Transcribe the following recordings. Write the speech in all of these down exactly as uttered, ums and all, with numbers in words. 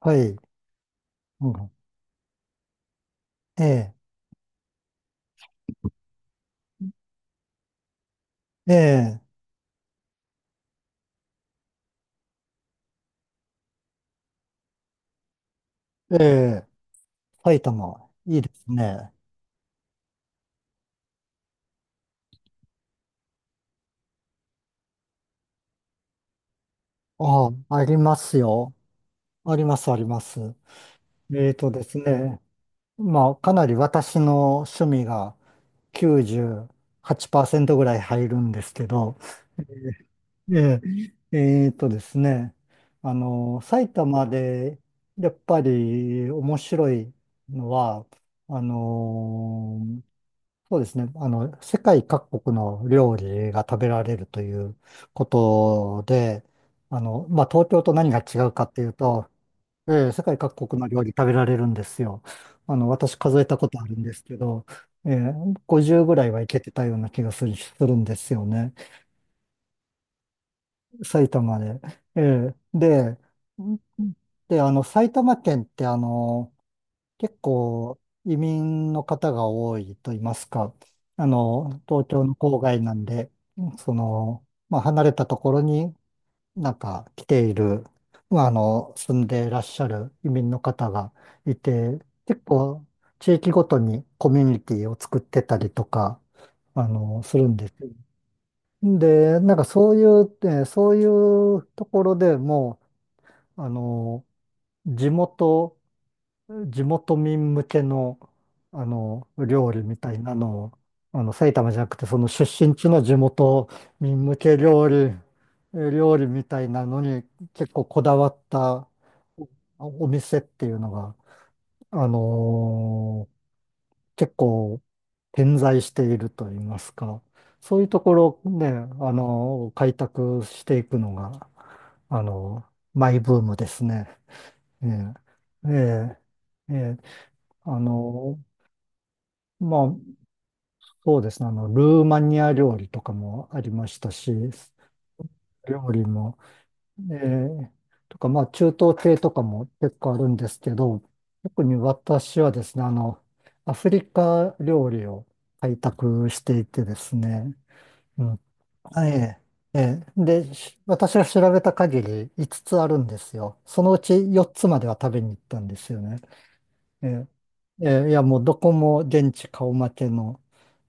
はい。うん。ええ、ええ、ええ、埼玉。いいですね。ああ、ありますよ。あります、あります。えーとですね。まあ、かなり私の趣味がきゅうじゅうはちパーセントぐらい入るんですけど、ええ、えーとですね。あの、埼玉で、やっぱり面白いのは、あのそうですね。あの、世界各国の料理が食べられるということで、あの、まあ、東京と何が違うかっていうと、ええ、世界各国の料理食べられるんですよ。あの、私数えたことあるんですけど、ええ、ごじゅうぐらいはいけてたような気がする、するんですよね。埼玉で。ええ、で、んで、あの、埼玉県ってあの、結構移民の方が多いと言いますか、あの、東京の郊外なんで、その、まあ、離れたところになんか来ている、まあ、あの、住んでいらっしゃる移民の方がいて、結構地域ごとにコミュニティを作ってたりとか、あの、するんです。で、なんかそういう、えーそういうところでもう、あの、地元地元民向けの、あの、料理みたいなのを、あの、埼玉じゃなくて、その出身地の地元民向け料理、料理みたいなのに結構こだわったおお店っていうのが、あのー結構点在していると言いますか、そういうところをね、あのー開拓していくのが、あのーマイブームですね。ええ、ええ、ええ、あの、まあ、そうですね。あの、ルーマニア料理とかもありましたし、料理も、えーとか、まあ、中東系とかも結構あるんですけど、特に私はですね、あの、アフリカ料理を開拓していてですね、うん、ええ、ええ、で、し私が調べた限りいつつつあるんですよ。そのうちよっつまでは食べに行ったんですよね。ええ、ええ、いや、もうどこも現地顔負けの、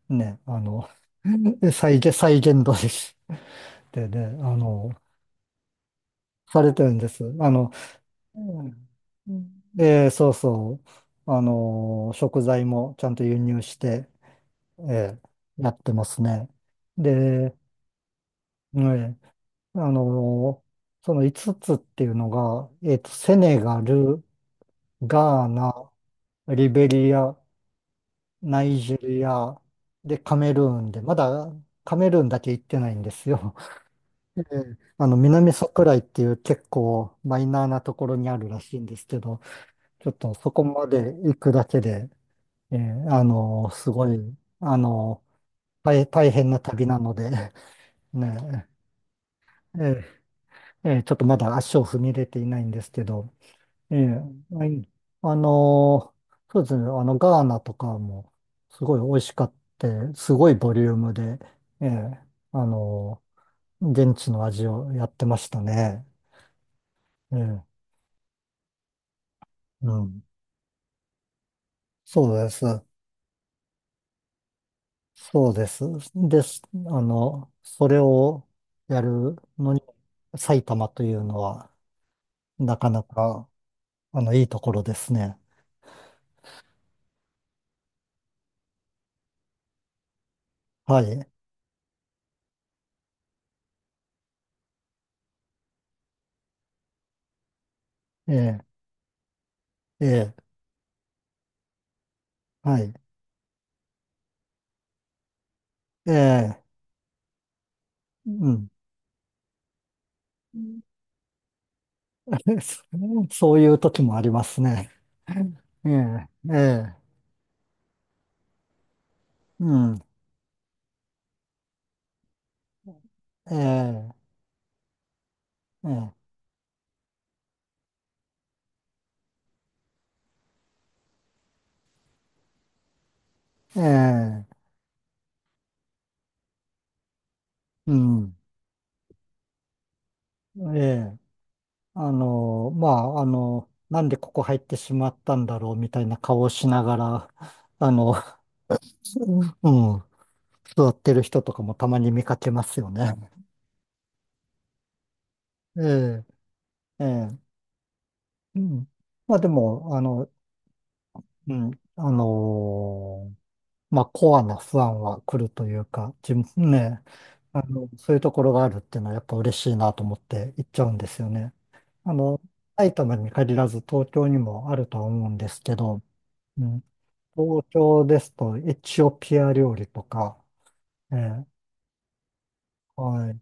ね、あの、再現、再現度です。でね、あの、されてるんです。あの、うん、うん。えーそうそう、あの、食材もちゃんと輸入して、えーやってますね。で、ね、あの、そのいつつつっていうのが、えっと、セネガル、ガーナ、リベリア、ナイジェリア、で、カメルーンで、まだカメルーンだけ行ってないんですよ。ええ、あの、南桜井っていう結構マイナーなところにあるらしいんですけど、ちょっとそこまで行くだけで、ええ、あの、すごい、あの、大、大変な旅なので、ねえ、ええ、ええ、ちょっとまだ足を踏み入れていないんですけど、ええ、はい、あの、そうですね、あの、ガーナとかもすごい美味しかって、すごいボリュームで、ええ、あの、現地の味をやってましたね。ええ、うん。そうです。そうです。です。あの、それをやるのに、埼玉というのは、なかなか、あの、いいところですね。はい。ええ、ええ、はい。ええ、うん。そういう時もありますね。ええ、ええ、うん。ええ、ええ、ええ、うん。ええ、あの、まあ、あの、なんでここ入ってしまったんだろうみたいな顔をしながら、あの、うん、うん、座ってる人とかもたまに見かけますよね。ええ、ええ、うん。まあでも、あの、うん、あのーまあ、コアなファンは来るというか、自分ね、あの、そういうところがあるっていうのはやっぱ嬉しいなと思って行っちゃうんですよね。あの、埼玉に限らず東京にもあるとは思うんですけど、東京ですとエチオピア料理とか、ええ、はい。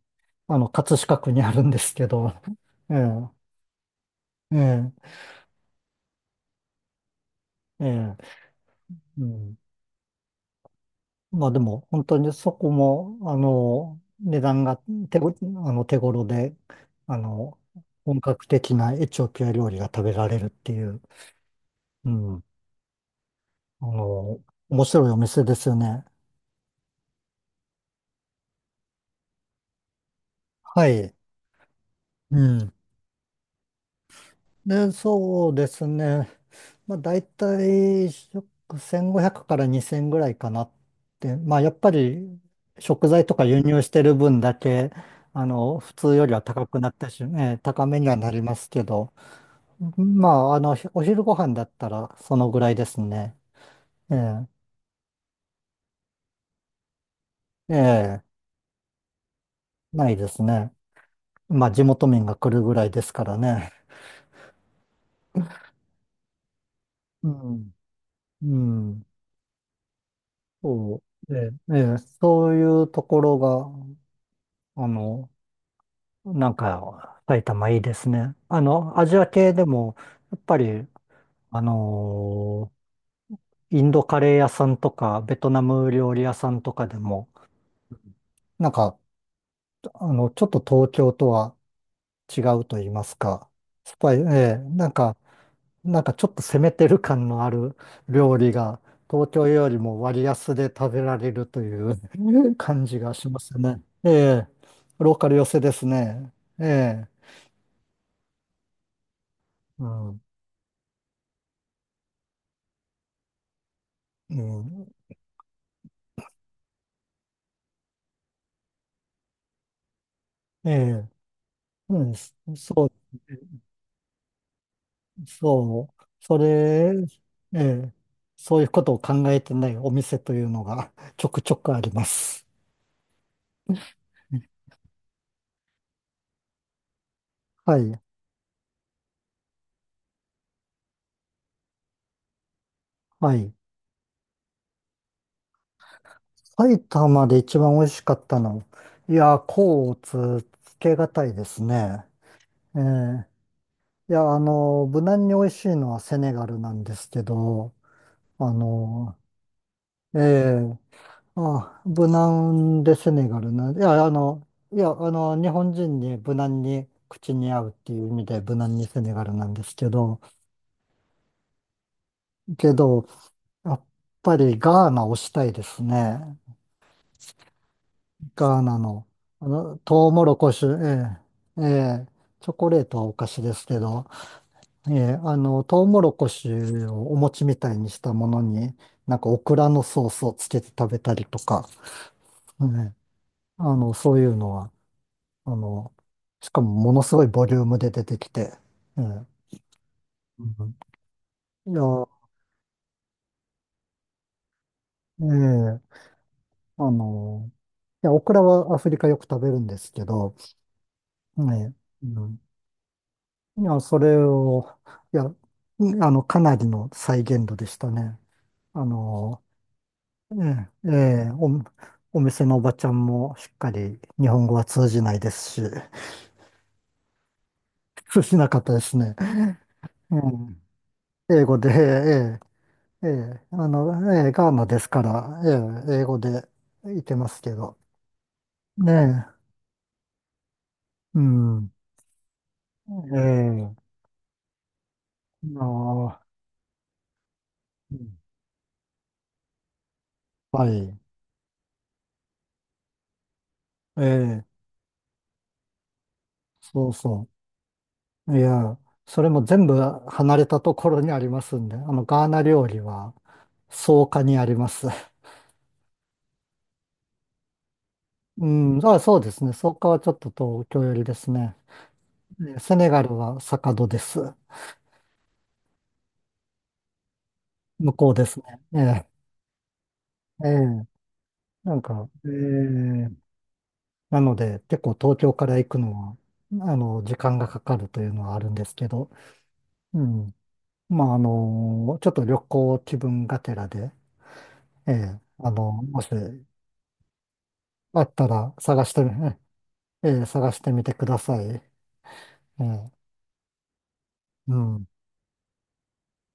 あの、葛飾区にあるんですけど、ええ、ええ、ええ、うん。まあでも、本当にそこも、あの、値段が手ご、あの、手頃で、あの、本格的なエチオピア料理が食べられるっていう、うん。あの、面白いお店ですよね。はい。うん。で、そうですね。まあ、大体食せんごひゃくからにせんぐらいかなって。まあ、やっぱり食材とか輸入してる分だけ、あの、普通よりは高くなってし、ね、高めにはなりますけど、まあ、あの、お昼ご飯だったらそのぐらいですね。ええ、ええ、ないですね。まあ、地元民が来るぐらいですからね。うん、うん、そう。ええ、ええ、そういうところが、あの、なんか、埼玉いいですね。あの、アジア系でも、やっぱり、あのーインドカレー屋さんとか、ベトナム料理屋さんとかでも、なんか、あの、ちょっと東京とは違うと言いますか、スパイ、ええ、なんか、なんかちょっと攻めてる感のある 料理が、東京よりも割安で食べられるという 感じがしますね。ええ、ローカル寄せですね。ええ、うん、うん、ええ。うん、そそうですね、そう、それ、ええ、そういうことを考えてないお店というのが ちょくちょくあります。はい、はい。埼玉で一番美味しかったの。いやー、甲乙つけがたいですね。ええ、いや、あの、無難に美味しいのはセネガルなんですけど、あの、ええ、あ、無難でセネガルな。いや、あの、いや、あの、日本人に無難に口に合うっていう意味で無難にセネガルなんですけど、けど、やっぱりガーナを推したいですね。ガーナの、あの、トウモロコシ、ええ、ええ、チョコレートはお菓子ですけど、ええ、あの、トウモロコシをお餅みたいにしたものに、なんかオクラのソースをつけて食べたりとか、ね、あの、そういうのは、あの、しかもものすごいボリュームで出てきて、ええ、うん、いや、ええ、あの、いや、オクラはアフリカよく食べるんですけど、ね、うん、いや、それを、いや、うん、あの、かなりの再現度でしたね。あの、ええ、ええ、お、お店のおばちゃんもしっかり日本語は通じないですし、通じなかったですね。うん、英語で、ええ、ええ、あの、ええ、ガーナですから、ええ、英語でいけますけど。ねえ、うん、ええ、ああ、うん、はい、ええ、そうそう。いや、それも全部離れたところにありますんで、あの、ガーナ料理は、草加にあります。うん、あ、そうですね。草加はちょっと東京寄りですね。ええ、セネガルは坂戸です。向こうですね。ええ、ええ、なんか、ええ、なので、結構東京から行くのは、あの、時間がかかるというのはあるんですけど、うん。まあ、あの、ちょっと旅行気分がてらで、ええ、あの、もしあったら探してみ、ええ、探してみてください。ええ、うん。